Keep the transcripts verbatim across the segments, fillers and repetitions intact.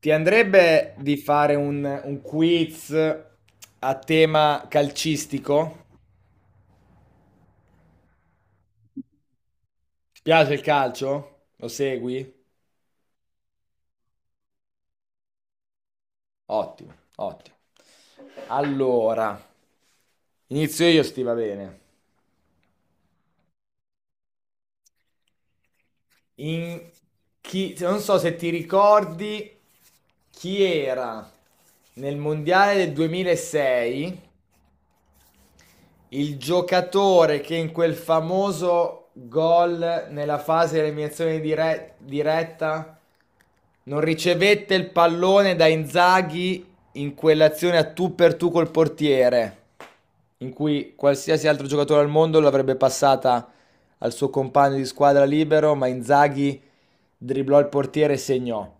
Ti andrebbe di fare un, un quiz a tema calcistico? Ti piace il calcio? Lo segui? Ottimo, ottimo. Allora, inizio io, sti va bene. In chi- Non so se ti ricordi chi era nel mondiale del duemilasei. Il giocatore che in quel famoso gol nella fase di eliminazione dire- diretta non ricevette il pallone da Inzaghi in quell'azione a tu per tu col portiere, in cui qualsiasi altro giocatore al mondo l'avrebbe passata al suo compagno di squadra libero, ma Inzaghi dribblò il portiere e segnò.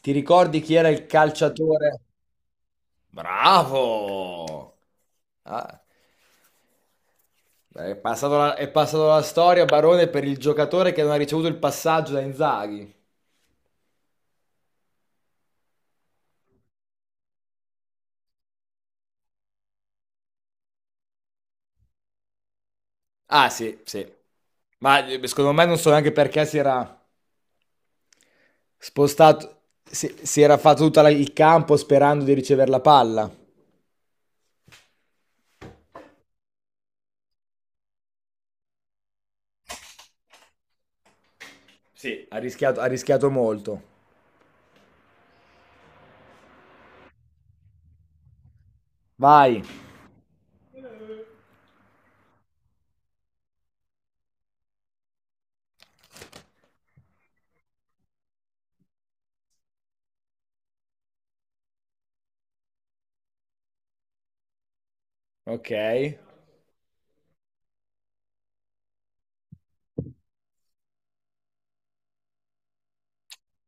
Ti ricordi chi era il calciatore? Bravo! Ah. Beh, È passato la- è passato la storia, Barone, per il giocatore che non ha ricevuto il passaggio da Inzaghi. Ah, sì, sì. Ma eh, secondo me non so neanche perché si era spostato, si, si era fatto tutto la- il campo sperando di ricevere la palla. Sì. Ha rischiato, ha rischiato molto. Vai. Ok.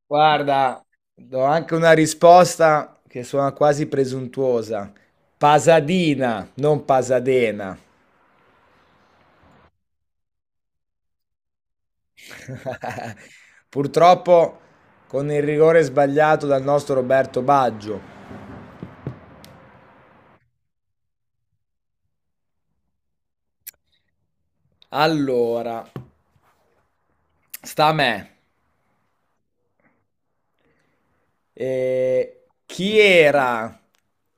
Guarda, do anche una risposta che suona quasi presuntuosa. Pasadina, non Pasadena. Purtroppo con il rigore sbagliato dal nostro Roberto Baggio. Allora, sta a me. Eh, chi era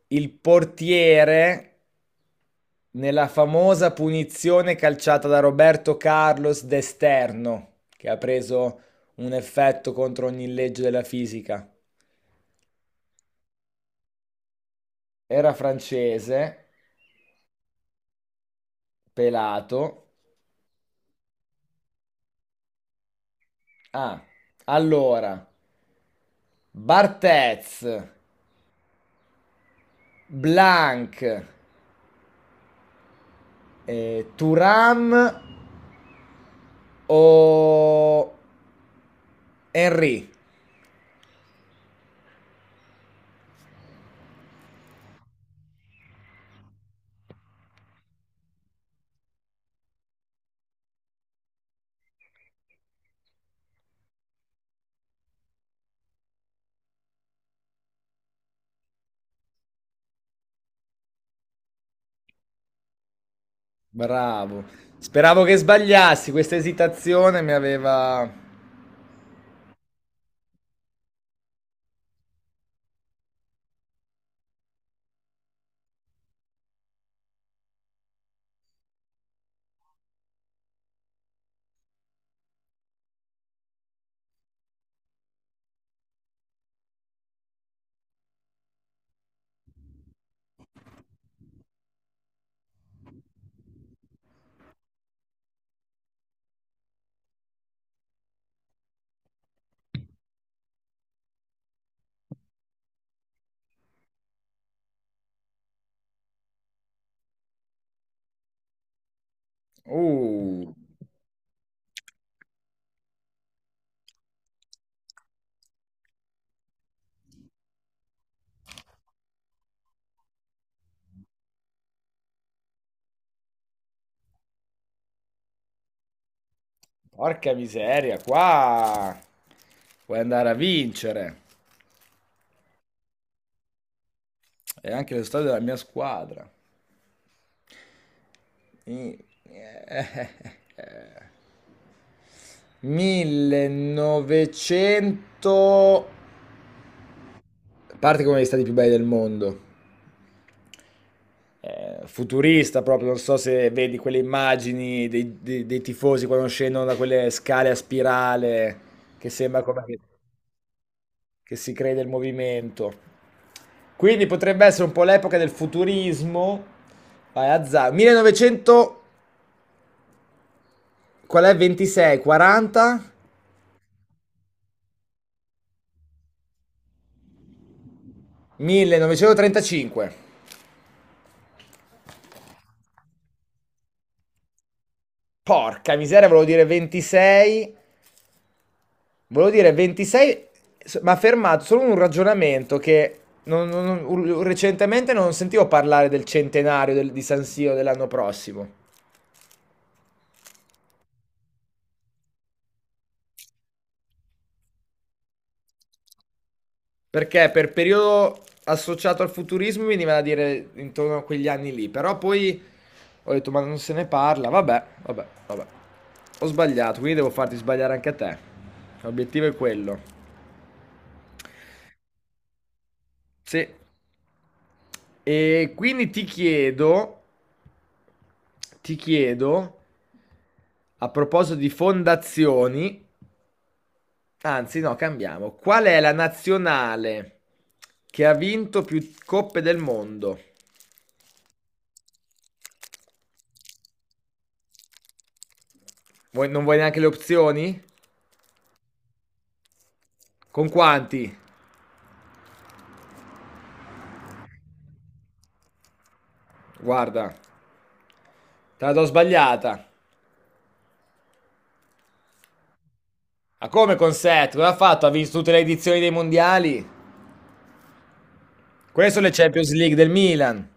il portiere nella famosa punizione calciata da Roberto Carlos d'esterno, che ha preso un effetto contro ogni legge della fisica? Era francese, pelato. Ah, allora, Barthez, Blanc, eh, Thuram o Henry. Bravo. Speravo che sbagliassi, questa esitazione mi aveva. Uh, Porca miseria, qua puoi andare a vincere. E anche lo stadio della mia squadra. I- millenovecento. A parte che è uno degli stati più belli del mondo, eh, futurista proprio, non so se vedi quelle immagini dei, dei- dei tifosi quando scendono da quelle scale a spirale, che sembra come che, che si crede il movimento. Quindi potrebbe essere un po' l'epoca del futurismo. Vai, azzar- millenovecento, qual è? ventisei, quaranta, millenovecentotrentacinque. Porca miseria, volevo dire ventisei. Volevo dire ventisei, s- ma fermato solo un ragionamento che non- non- non- u- recentemente non sentivo parlare del centenario del- di San Siro dell'anno prossimo. Perché per periodo associato al futurismo mi veniva da dire intorno a quegli anni lì, però poi ho detto ma non se ne parla, vabbè, vabbè, vabbè. Ho sbagliato, quindi devo farti sbagliare anche a te. L'obiettivo è quello. Sì. E quindi ti chiedo ti chiedo, a proposito di fondazioni, anzi no, cambiamo. Qual è la nazionale che ha vinto più coppe del mondo? Vuoi- non vuoi neanche le opzioni? Con quanti? Guarda, te la do sbagliata. Ma come con sette? Cosa ha fatto? Ha vinto tutte le edizioni dei mondiali? Queste sono le Champions League del Milan.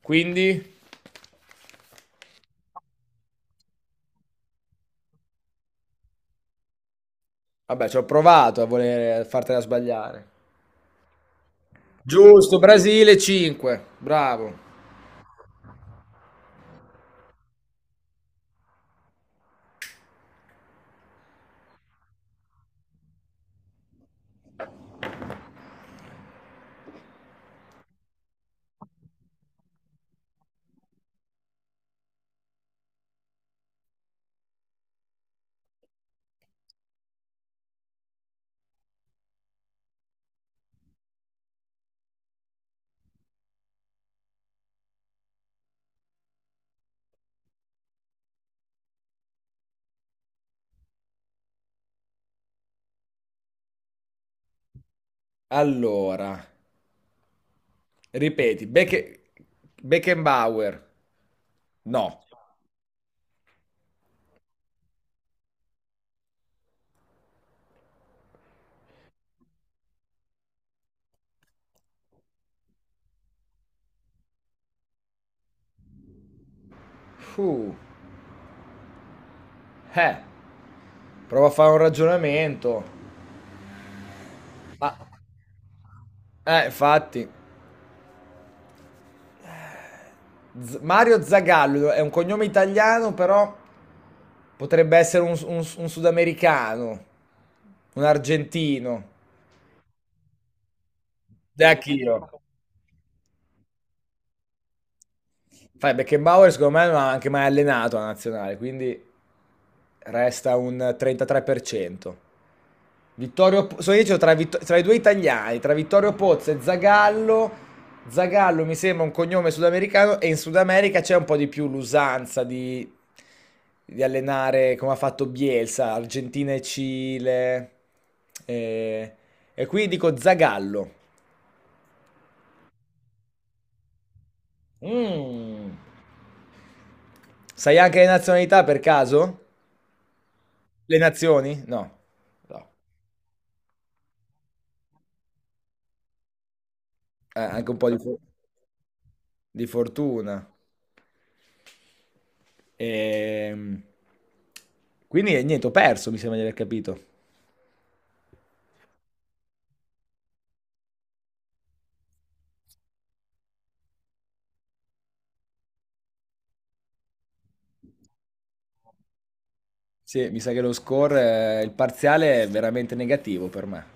Quindi, vabbè, ci ho provato a voler fartela sbagliare. Giusto, Brasile cinque. Bravo. Allora, ripeti, Becke- Beckenbauer. No. Uh, eh, Prova a fare un ragionamento. Ma, eh, infatti, Z- Mario Zagallo è un cognome italiano, però potrebbe essere un, un- un sudamericano, un argentino. De Achiro. Fai, Beckenbauer secondo me non ha anche mai allenato la nazionale, quindi resta un trentatré per cento. Vittorio, Po- so io dicevo tra, Vitt- tra i due italiani, tra Vittorio Pozzo e Zagallo. Zagallo mi sembra un cognome sudamericano e in Sud America c'è un po' di più l'usanza di, di allenare come ha fatto Bielsa, Argentina e Cile. E, e qui dico Zagallo. Mm. Sai anche le nazionalità per caso? Le nazioni? No. No. Eh, anche un po' di... fu- di fortuna. Ehm, Quindi eh, niente, ho perso, mi sembra di aver capito. Sì, mi sa che lo score, eh, il parziale è veramente negativo per me.